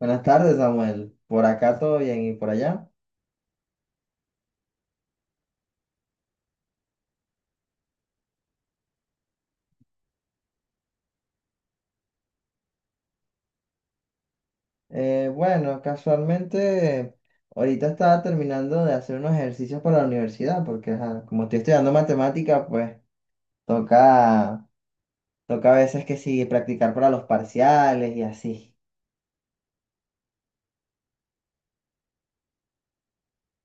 Buenas tardes, Samuel. Por acá todo bien y por allá. Bueno, Casualmente ahorita estaba terminando de hacer unos ejercicios para la universidad, porque ajá, como estoy estudiando matemática, pues toca, toca a veces que sí, practicar para los parciales y así.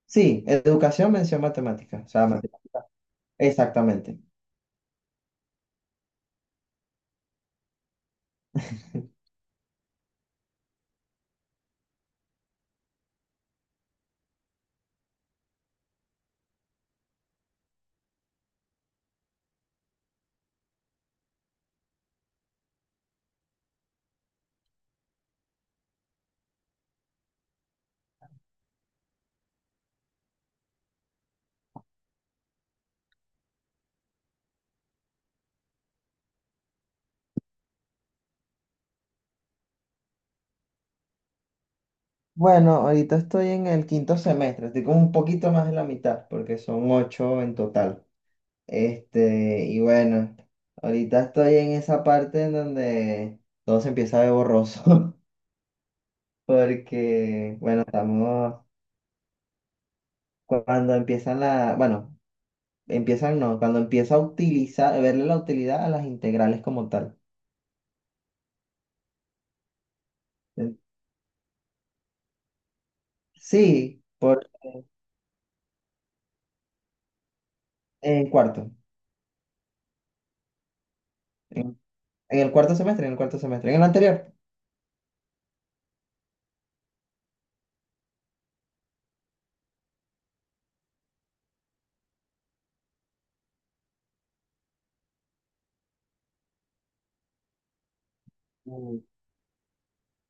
Sí, educación, mención matemática. O sea, matemática. Exactamente. Bueno, ahorita estoy en el quinto semestre, estoy como un poquito más de la mitad, porque son ocho en total. Este, y bueno, ahorita estoy en esa parte en donde todo se empieza a ver borroso, porque, bueno, estamos, cuando empiezan la, bueno, empiezan no, cuando empieza a utilizar, verle la utilidad a las integrales como tal. En- Sí, en cuarto, en, en el cuarto semestre, en el anterior. Mm.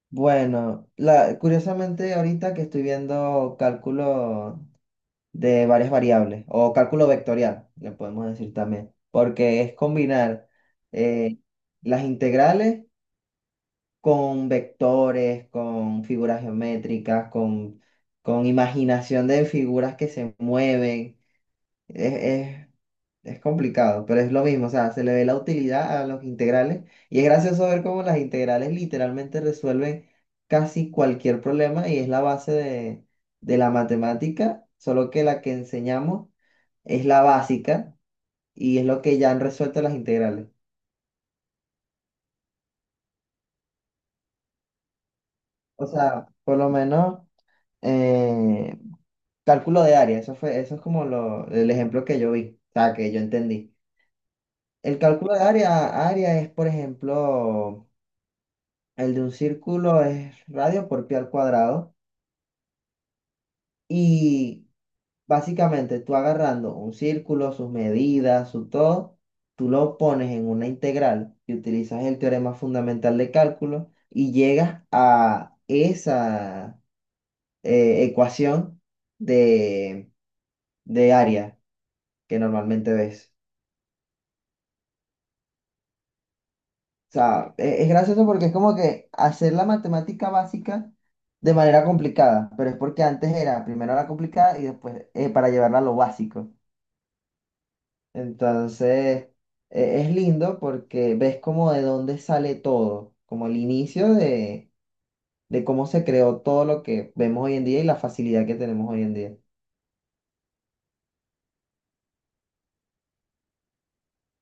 Bueno, curiosamente ahorita que estoy viendo cálculo de varias variables o cálculo vectorial, le podemos decir también, porque es combinar eh, las integrales con vectores, con figuras geométricas, con imaginación de figuras que se mueven. Es, es- es complicado, pero es lo mismo, o sea, se le ve la utilidad a los integrales y es gracioso ver cómo las integrales literalmente resuelven casi cualquier problema y es la base de la matemática, solo que la que enseñamos es la básica y es lo que ya han resuelto las integrales. O sea, por lo menos eh, cálculo de área, eso es como el ejemplo que yo vi, o sea, que yo entendí. El cálculo de área, área es, por ejemplo, el de un círculo es radio por pi al cuadrado y básicamente, tú agarrando un círculo, sus medidas, su todo, tú lo pones en una integral y utilizas el teorema fundamental de cálculo y llegas a esa ecuación de, de área que normalmente ves. O sea, es gracioso porque es como que hacer la matemática básica de manera complicada, pero es porque antes era primero la complicada y después para llevarla a lo básico. Entonces, es lindo porque ves como de dónde sale todo, como el inicio de cómo se creó todo lo que vemos hoy en día y la facilidad que tenemos hoy en día.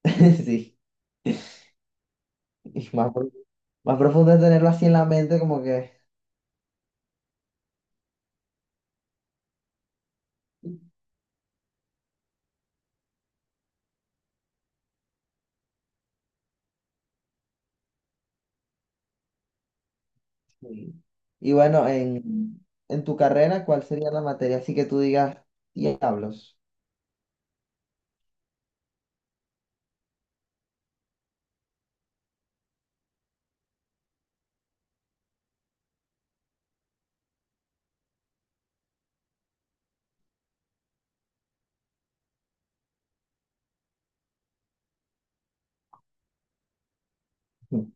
Sí, y más, más profundo es tenerlo así en la mente, como que... sí. Y bueno, en tu carrera, ¿cuál sería la materia así que tú digas, diablos? Mm.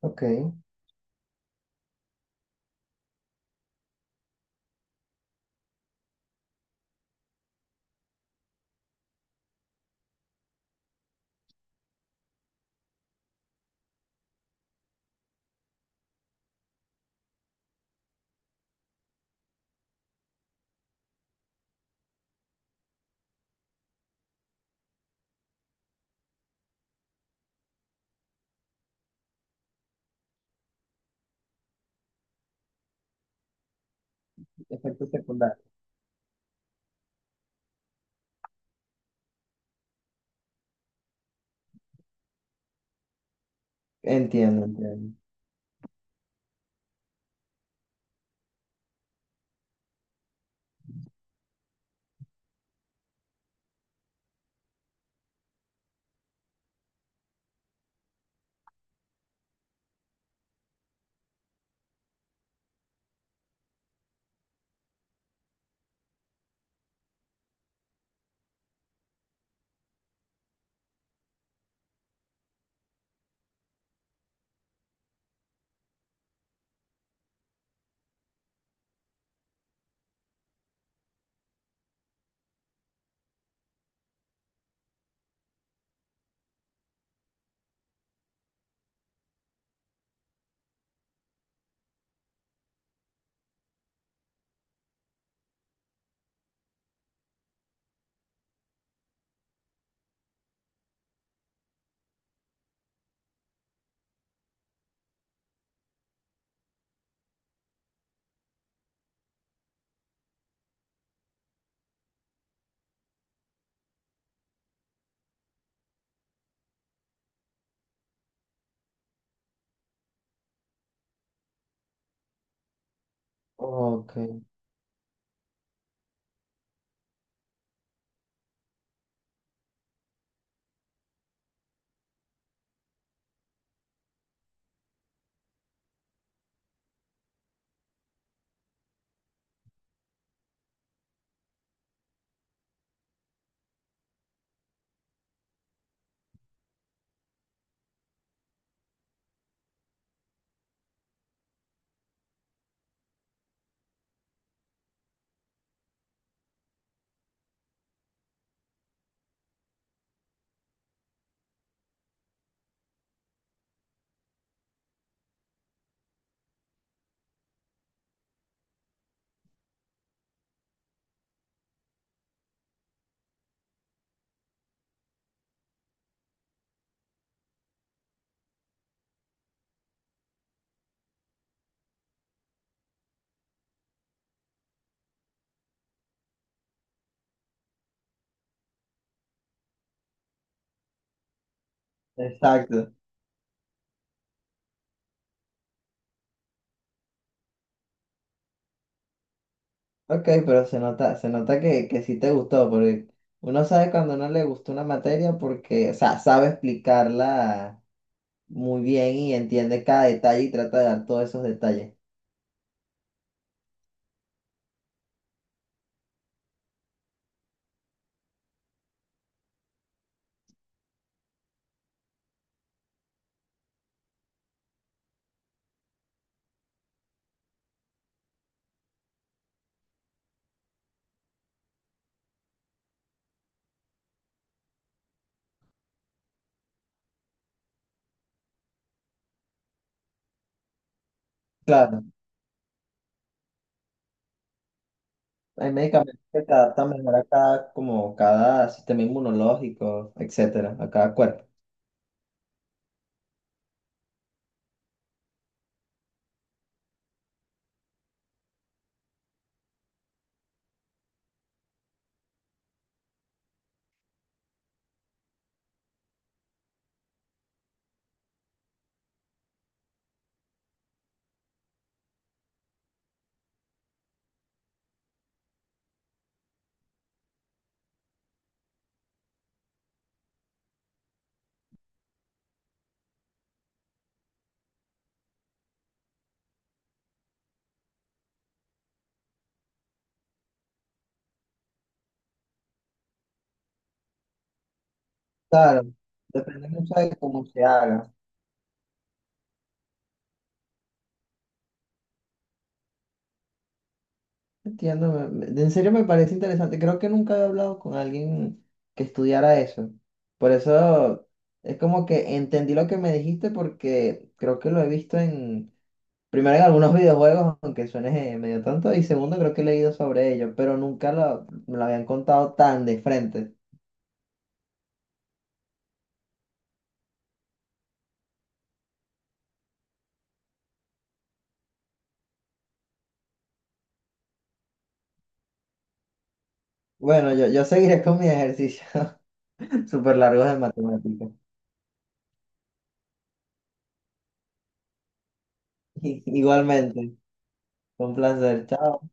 Ok, efecto secundario. Entiendo, entiendo. Ok, exacto. Ok, pero se nota que sí te gustó, porque uno sabe cuando no le gustó una materia porque, o sea, sabe explicarla muy bien y entiende cada detalle y trata de dar todos esos detalles. Claro, hay medicamentos que se adaptan mejor a cada, como cada sistema inmunológico, etcétera, a cada cuerpo. Claro, depende mucho de cómo se haga. Entiendo, en serio me parece interesante. Creo que nunca había hablado con alguien que estudiara eso. Por eso es como que entendí lo que me dijiste porque creo que lo he visto en, primero en algunos videojuegos, aunque suene medio tonto, y segundo creo que he leído sobre ello, pero nunca me lo habían contado tan de frente. Bueno, yo seguiré con mis ejercicios súper largos de matemáticas. Igualmente, fue un placer. Chao.